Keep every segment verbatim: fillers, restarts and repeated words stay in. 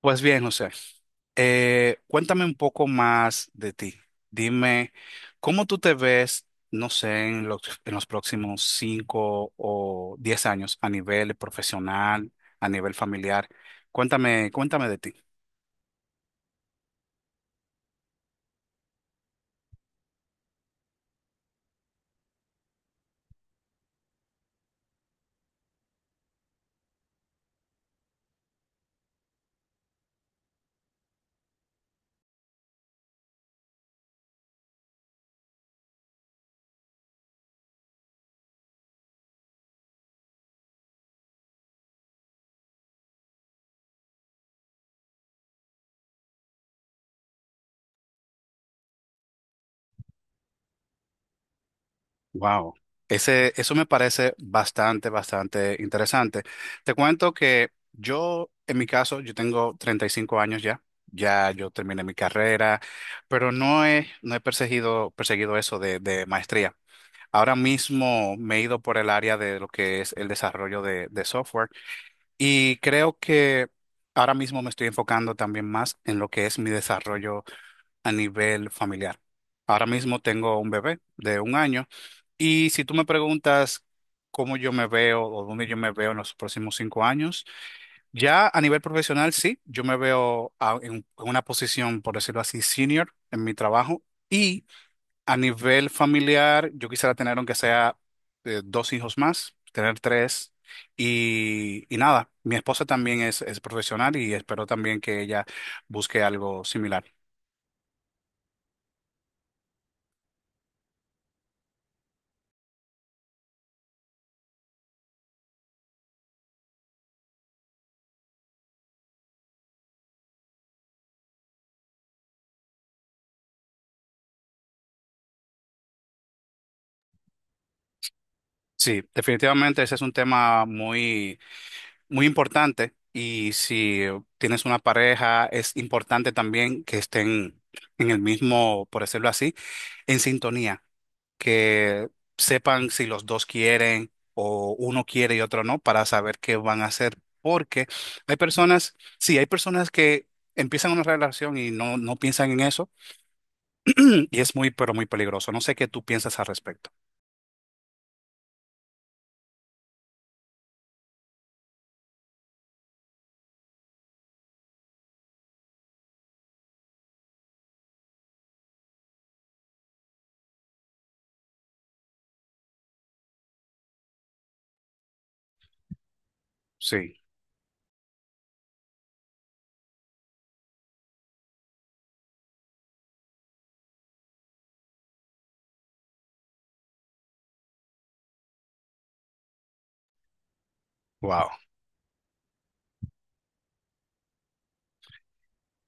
Pues bien, José, eh, cuéntame un poco más de ti. Dime, ¿cómo tú te ves, no sé, en los, en los próximos cinco o diez años a nivel profesional, a nivel familiar? Cuéntame, cuéntame de ti. Wow. Ese, eso me parece bastante, bastante interesante. Te cuento que yo, en mi caso, yo tengo treinta y cinco años ya. Ya yo terminé mi carrera, pero no he, no he perseguido, perseguido eso de, de maestría. Ahora mismo me he ido por el área de lo que es el desarrollo de, de software y creo que ahora mismo me estoy enfocando también más en lo que es mi desarrollo a nivel familiar. Ahora mismo tengo un bebé de un año y si tú me preguntas cómo yo me veo o dónde yo me veo en los próximos cinco años, ya a nivel profesional sí, yo me veo a- en en una posición, por decirlo así, senior en mi trabajo. Y a nivel familiar, yo quisiera tener, aunque sea eh, dos hijos más, tener tres. Y, y nada, mi esposa también es, es profesional y espero también que ella busque algo similar. Sí, definitivamente ese es un tema muy, muy importante y si tienes una pareja, es importante también que estén en el mismo, por decirlo así, en sintonía. Que sepan si los dos quieren o uno quiere y otro no para saber qué van a hacer. Porque hay personas, sí, hay personas que empiezan una relación y no, no piensan en eso y es muy, pero muy peligroso. No sé qué tú piensas al respecto. Sí, wow.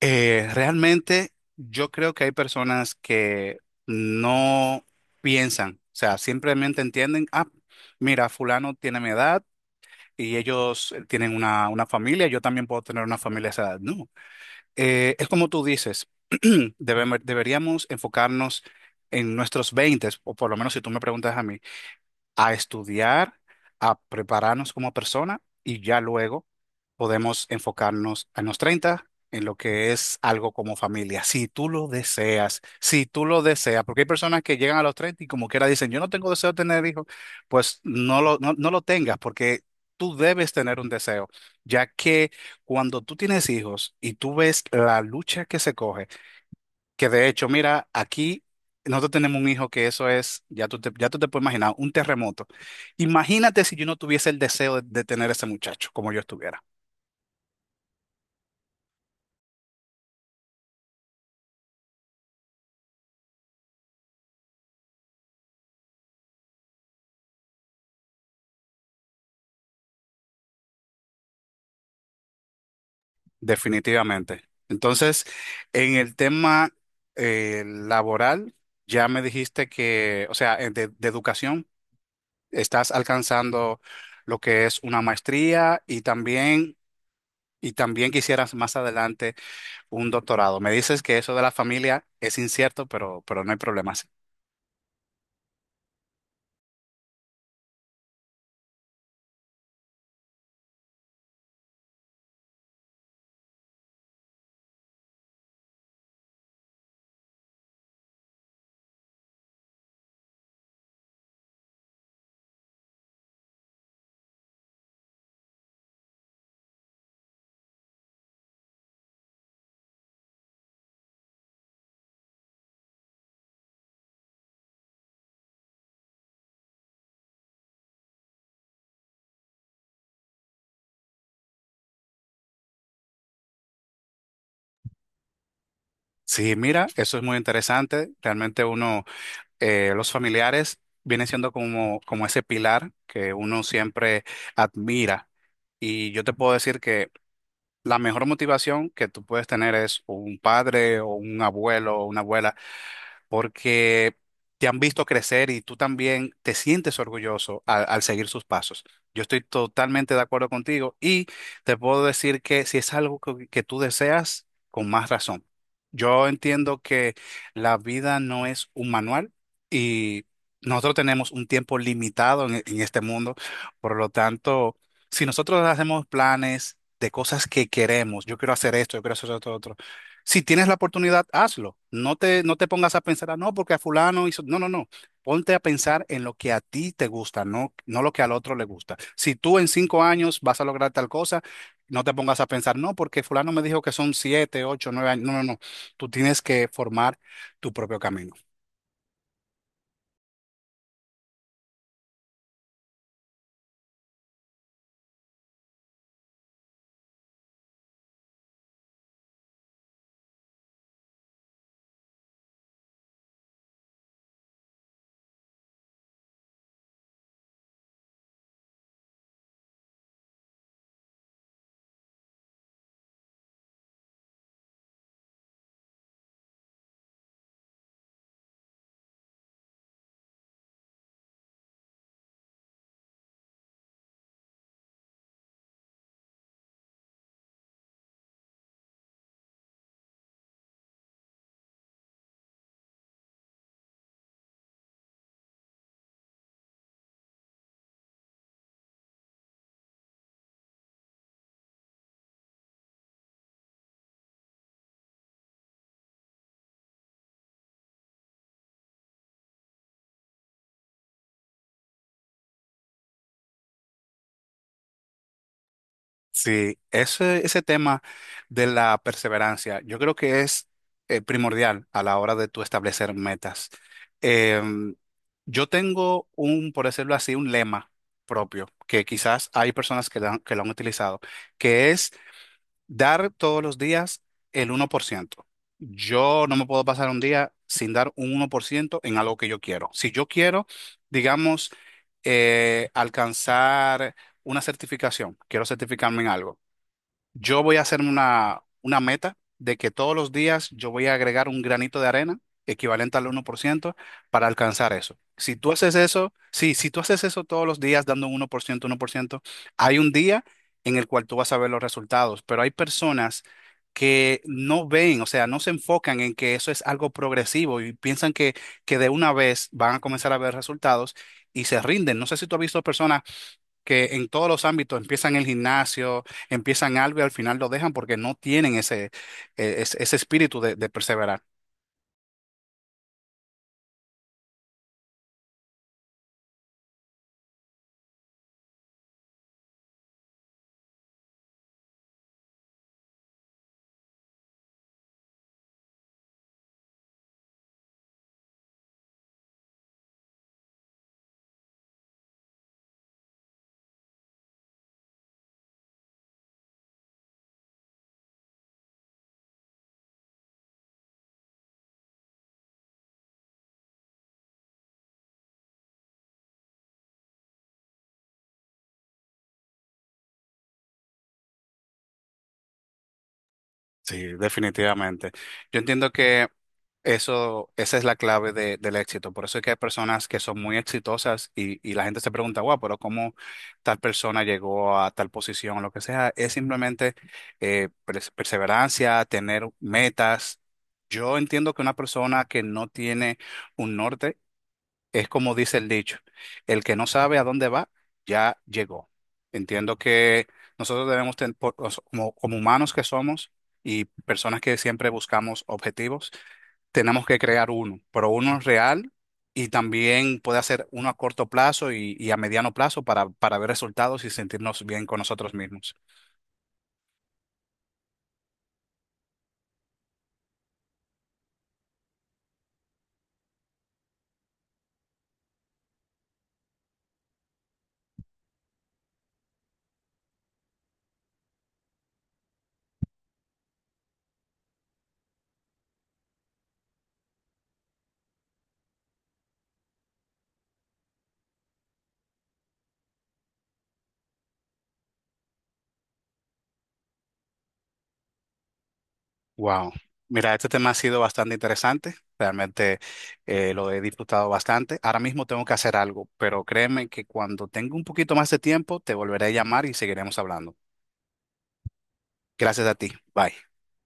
Eh, realmente yo creo que hay personas que no piensan, o sea, simplemente entienden, ah, mira, fulano tiene mi edad y ellos eh, tienen una, una familia, yo también puedo tener una familia a esa edad. No. Eh, es como tú dices, debem- deberíamos enfocarnos en nuestros veinte, o por lo menos si tú me preguntas a mí, a estudiar, a prepararnos como persona y ya luego podemos enfocarnos a los treinta en lo que es algo como familia, si tú lo deseas, si tú lo deseas, porque hay personas que llegan a los treinta y como quiera dicen, yo no tengo deseo de tener hijos, pues no lo, no, no lo tengas porque tú debes tener un deseo, ya que cuando tú tienes hijos y tú ves la lucha que se coge, que de hecho, mira, aquí nosotros tenemos un hijo que eso es, ya tú te, ya tú te puedes imaginar, un terremoto. Imagínate si yo no tuviese el deseo de, de tener ese muchacho como yo estuviera. Definitivamente. Entonces, en el tema eh, laboral, ya me dijiste que, o sea, eh, de, de educación. Estás alcanzando lo que es una maestría y también, y también, quisieras más adelante un doctorado. Me dices que eso de la familia es incierto, pero, pero no hay problemas. Sí, sí, mira, eso es muy interesante. Realmente uno, eh, los familiares vienen siendo como, como ese pilar que uno siempre admira. Y yo te puedo decir que la mejor motivación que tú puedes tener es un padre o un abuelo o una abuela porque te han visto crecer y tú también te sientes orgulloso al, al seguir sus pasos. Yo estoy totalmente de acuerdo contigo y te puedo decir que si es algo que, que tú deseas, con más razón. Yo entiendo que la vida no es un manual y nosotros tenemos un tiempo limitado en, en este mundo, por lo tanto, si nosotros hacemos planes de cosas que queremos, yo quiero hacer esto, yo quiero hacer esto otro si tienes la oportunidad, hazlo. No te, no te pongas a pensar, "Ah, no, porque a fulano hizo. No, no, no. Ponte a pensar en lo que a ti te gusta, no, no lo que al otro le gusta. Si tú en cinco años vas a lograr tal cosa, no te pongas a pensar, no, porque fulano me dijo que son siete, ocho, nueve años. No, no, no. Tú tienes que formar tu propio camino. Sí, ese, ese tema de la perseverancia, yo creo que es eh, primordial a la hora de tú establecer metas. Em, yo tengo un, por decirlo así, un lema propio, que quizás hay personas que, lo han- que lo han utilizado, que es dar todos los días el uno por ciento. Yo no me puedo pasar un día sin dar un uno por ciento en algo que yo quiero. Si yo quiero, digamos, eh, alcanzar una certificación, quiero certificarme en algo. Yo voy a hacerme una, una meta de que todos los días yo voy a agregar un granito de arena equivalente al uno por ciento para alcanzar eso. Si tú haces eso, sí, si tú haces eso todos los días dando un uno por ciento, uno por ciento, hay un día en el cual tú vas a ver los resultados, pero hay personas que no ven, o sea, no se enfocan en que eso es algo progresivo y piensan que, que de una vez van a comenzar a ver resultados y se rinden. No sé si tú has visto personas que en todos los ámbitos empiezan el gimnasio, empiezan algo y al final lo dejan porque no tienen ese, eh, ese, ese espíritu de, de perseverar. Sí, definitivamente. Yo entiendo que eso, esa es la clave de- del éxito. Por eso es que hay personas que son muy exitosas y, y la gente se pregunta, wow, pero ¿cómo tal persona llegó a tal posición o lo que sea? Es simplemente eh, pers- perseverancia, tener metas. Yo entiendo que una persona que no tiene un norte. Es como dice el dicho, el que no sabe a dónde va, ya llegó. Entiendo que nosotros debemos, ten- por- os- como, como humanos que somos y personas que siempre buscamos objetivos, tenemos que crear uno, pero uno real y también puede hacer uno a corto plazo y, y a mediano plazo para, para ver resultados y sentirnos bien con nosotros mismos. Wow. Mira, este tema ha sido bastante interesante. Realmente eh, lo he disfrutado bastante. Ahora mismo tengo que hacer algo, pero créeme que cuando tenga un poquito más de tiempo, te volveré a llamar y seguiremos hablando. Gracias a ti. Bye.